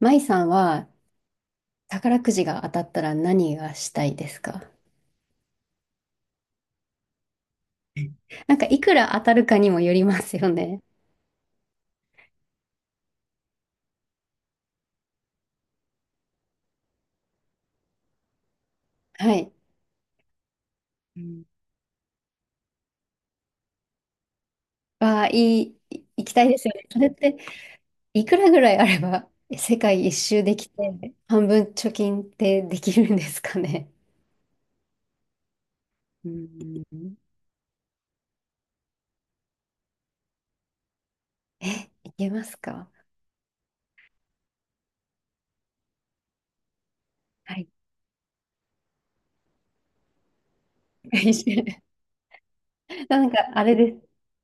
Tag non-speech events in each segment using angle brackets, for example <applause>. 舞さんは宝くじが当たったら何がしたいですか？なんかいくら当たるかにもよりますよね。はい。わあ、いい、い行きたいですよね。それっていくらぐらいあれば世界一周できて半分貯金ってできるんですかね？うん。え、いけますか？はい。<laughs> なんかあれで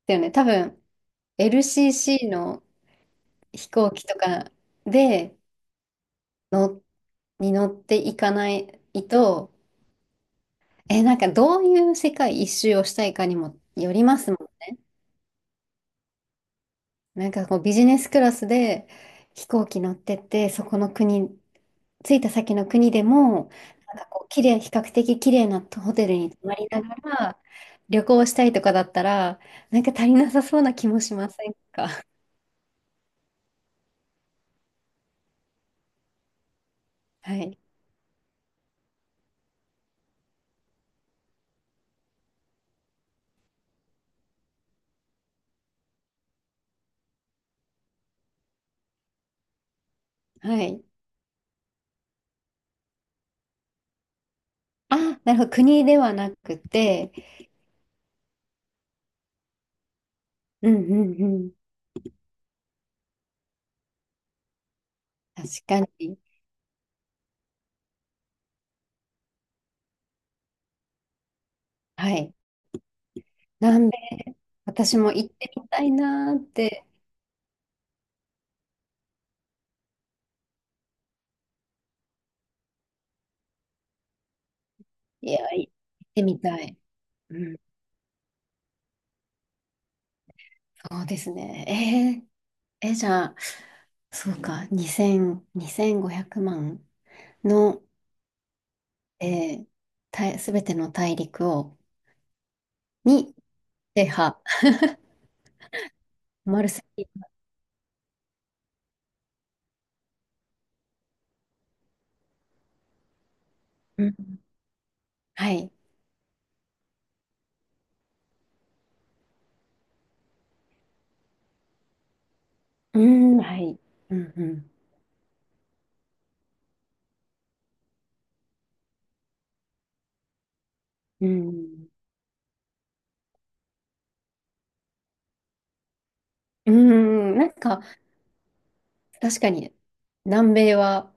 すよね。多分 LCC の飛行機とかでのに乗っていかないと。え、なんかどういう世界一周をしたいかにもよりますもん。なんかこうビジネスクラスで飛行機乗ってって、そこの国、着いた先の国でも、なんかこう綺麗、比較的綺麗なホテルに泊まりながら旅行したいとかだったら、なんか足りなさそうな気もしませんか？ <laughs> はい。はい。あ、なるほど。国ではなくて、うんうんうん。確かに。はい。南米、私も行ってみたいなーっていや、行ってみたい。うん、そうですね。じゃあ、そうか、2000、2500万の、えー、すべての大陸を、に、制覇、<laughs> マルセイユ。うん、はい。うん、はい。うん、うん。うん、うん、なんか、確かに、南米は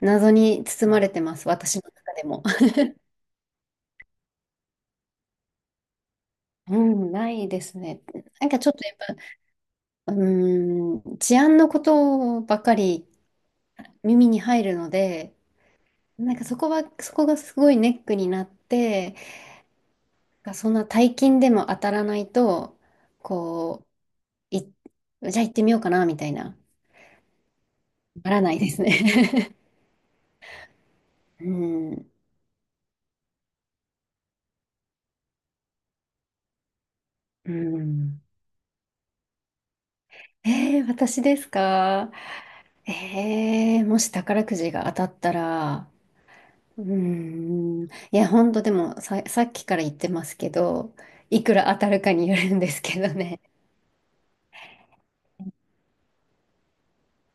謎に包まれてます、私の中でも。うん、ないですね。なんかちょっとやっぱう治安のことばっかり耳に入るので、なんかそこは、そこがすごいネックになって、そんな大金でも当たらないと、こう、じゃあ行ってみようかな、みたいな、ならないですね。<laughs> うん、うん。私ですか？もし宝くじが当たったら、うーん、いや、ほんとでもさ、さっきから言ってますけど、いくら当たるかによるんですけどね。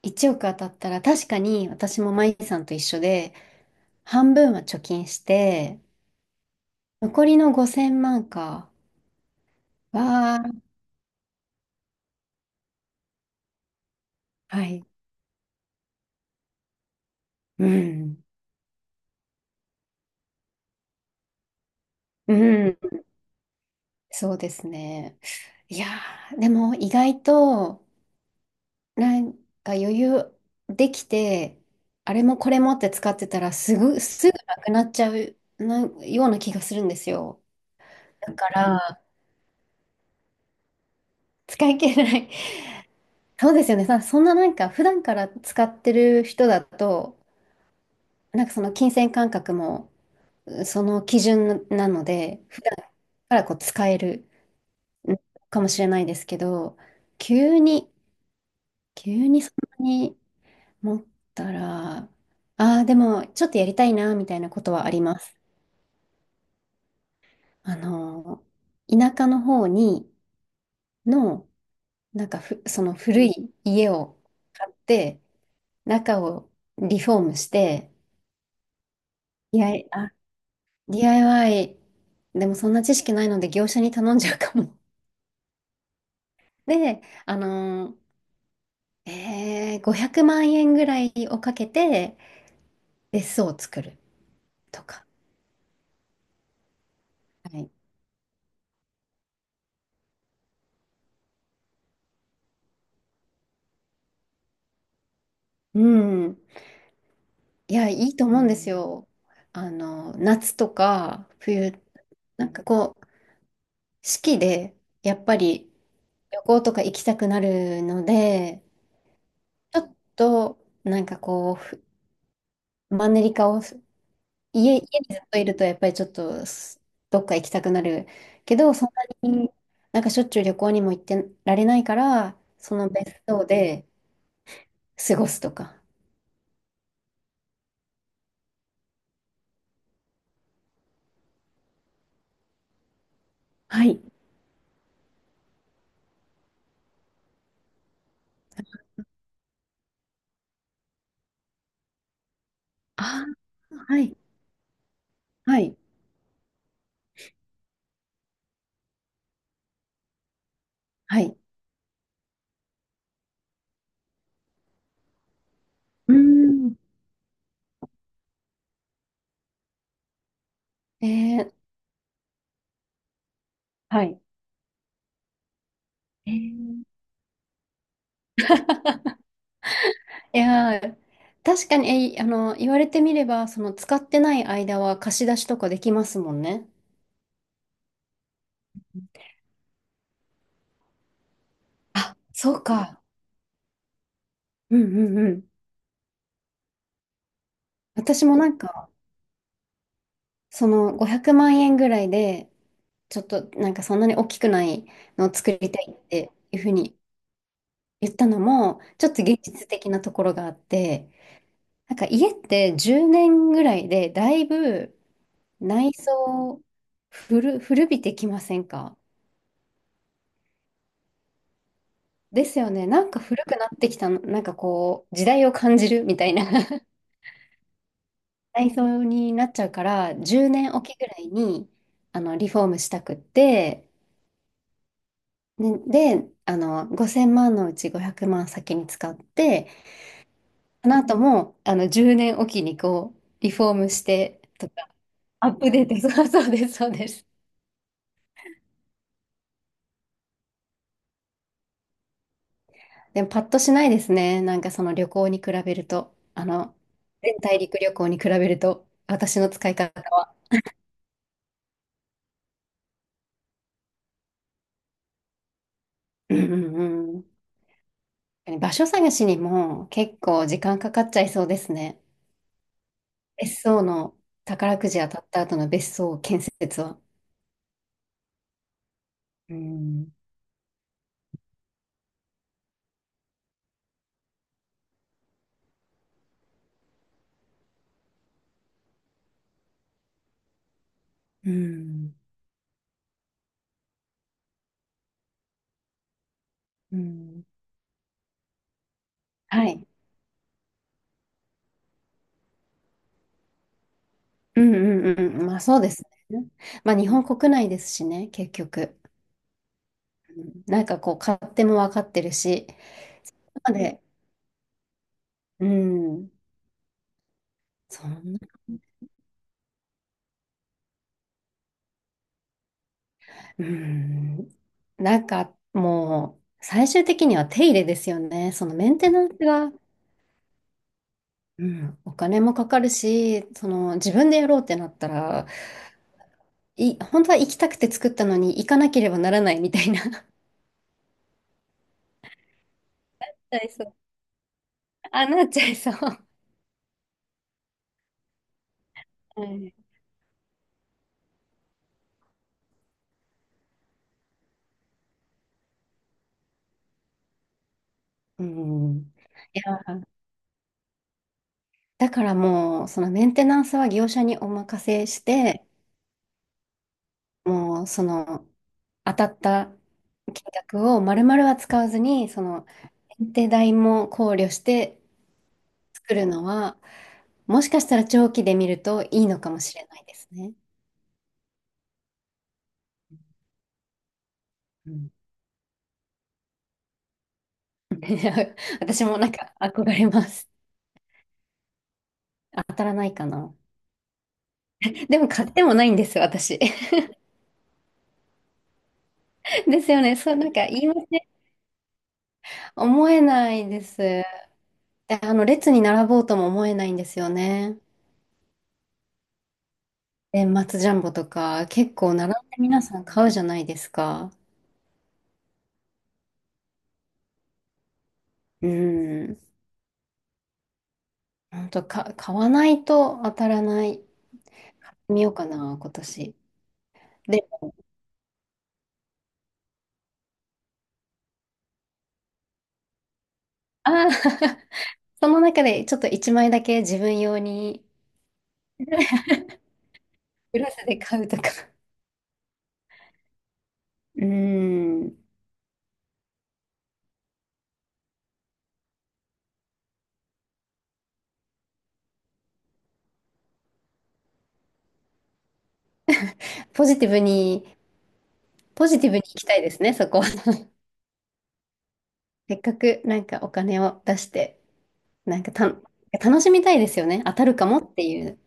1億当たったら確かに私もマイさんと一緒で半分は貯金して残りの5000万か。ははい。うん。うん。そうですね。いやー、でも意外となんか余裕できてあれもこれもって使ってたらすぐなくなっちゃうなような気がするんですよ。だから使い切れない。そうですよね。さ、そんななんか普段から使ってる人だとなんかその金銭感覚もその基準なので、普段からこう使えるうんかもしれないですけど、急に、急にそんなに持ったら、ああ、でもちょっとやりたいな、みたいなことはあります。あの、田舎の方にの、なんかその古い家を買って、中をリフォームして、ディーアイワイ、あ、 DIY でもそんな知識ないので業者に頼んじゃうかも。で、500万円ぐらいをかけて別荘を作るとか。はい。うん。いや、いいと思うんですよ。夏とか冬、なんかこう、四季でやっぱり旅行とか行きたくなるので、ちょっとなんかこう、マンネリ化を家にずっといるとやっぱりちょっとどっか行きたくなるけど、そんなになんかしょっちゅう旅行にも行ってられないから、その別荘で過ごすとか。はい。ああ、はい。はい。はい。うーん。えー、はい。えー、いやー、確かに、言われてみれば、その使ってない間は貸し出しとかできますもんね。あ、そうか。うんうんうん。私もなんか、その500万円ぐらいで、ちょっとなんかそんなに大きくないのを作りたいっていうふうに言ったのも、ちょっと現実的なところがあって、なんか家って10年ぐらいでだいぶ内装古びてきませんか？ですよね。なんか古くなってきたの、なんかこう時代を感じるみたいな <laughs> 内装になっちゃうから、10年おきぐらいにリフォームしたくって、ね、であの5000万のうち500万先に使って、あなたも、10年おきにこう、リフォームしてとか、アップデート、<laughs> そうそうです、そうです。でも、パッとしないですね。なんかその旅行に比べると、全大陸旅行に比べると、私の使い方は。うんうんうん。場所探しにも結構時間かかっちゃいそうですね。別荘の宝くじ当たった後の別荘建設は。うん。うん。うん。はい。うんうんうん。まあそうですね。まあ日本国内ですしね、結局。うん、なんかこう、勝手も分かってるし。なので、うん、そんな、うん、なんかもう、最終的には手入れですよね。そのメンテナンスが、うん、お金もかかるし、その自分でやろうってなったら、本当は行きたくて作ったのに行かなければならないみたいな。<laughs> なっちゃいそう。あ、なっちゃいそう。はい。うん。いや、だからもう、そのメンテナンスは業者にお任せして、もうその当たった金額を丸々は使わずに、その検定代も考慮して作るのは、もしかしたら長期で見るといいのかもしれないですね。うん。 <laughs> 私もなんか憧れます。当たらないかな。でも買ってもないんです、私。<laughs> ですよね。そう、なんか言いません。思えないです。で、列に並ぼうとも思えないんですよね。年末ジャンボとか、結構並んで皆さん買うじゃないですか。うん。本当か、買わないと当たらない。見ようかな、今年。で、ああ、 <laughs> その中でちょっと1枚だけ自分用に、 <laughs> 裏スで買うとか。<laughs> うん。ポジティブに、ポジティブに行きたいですね、そこは。<laughs> せっかくなんかお金を出して、なんか楽しみたいですよね。当たるかもっていう。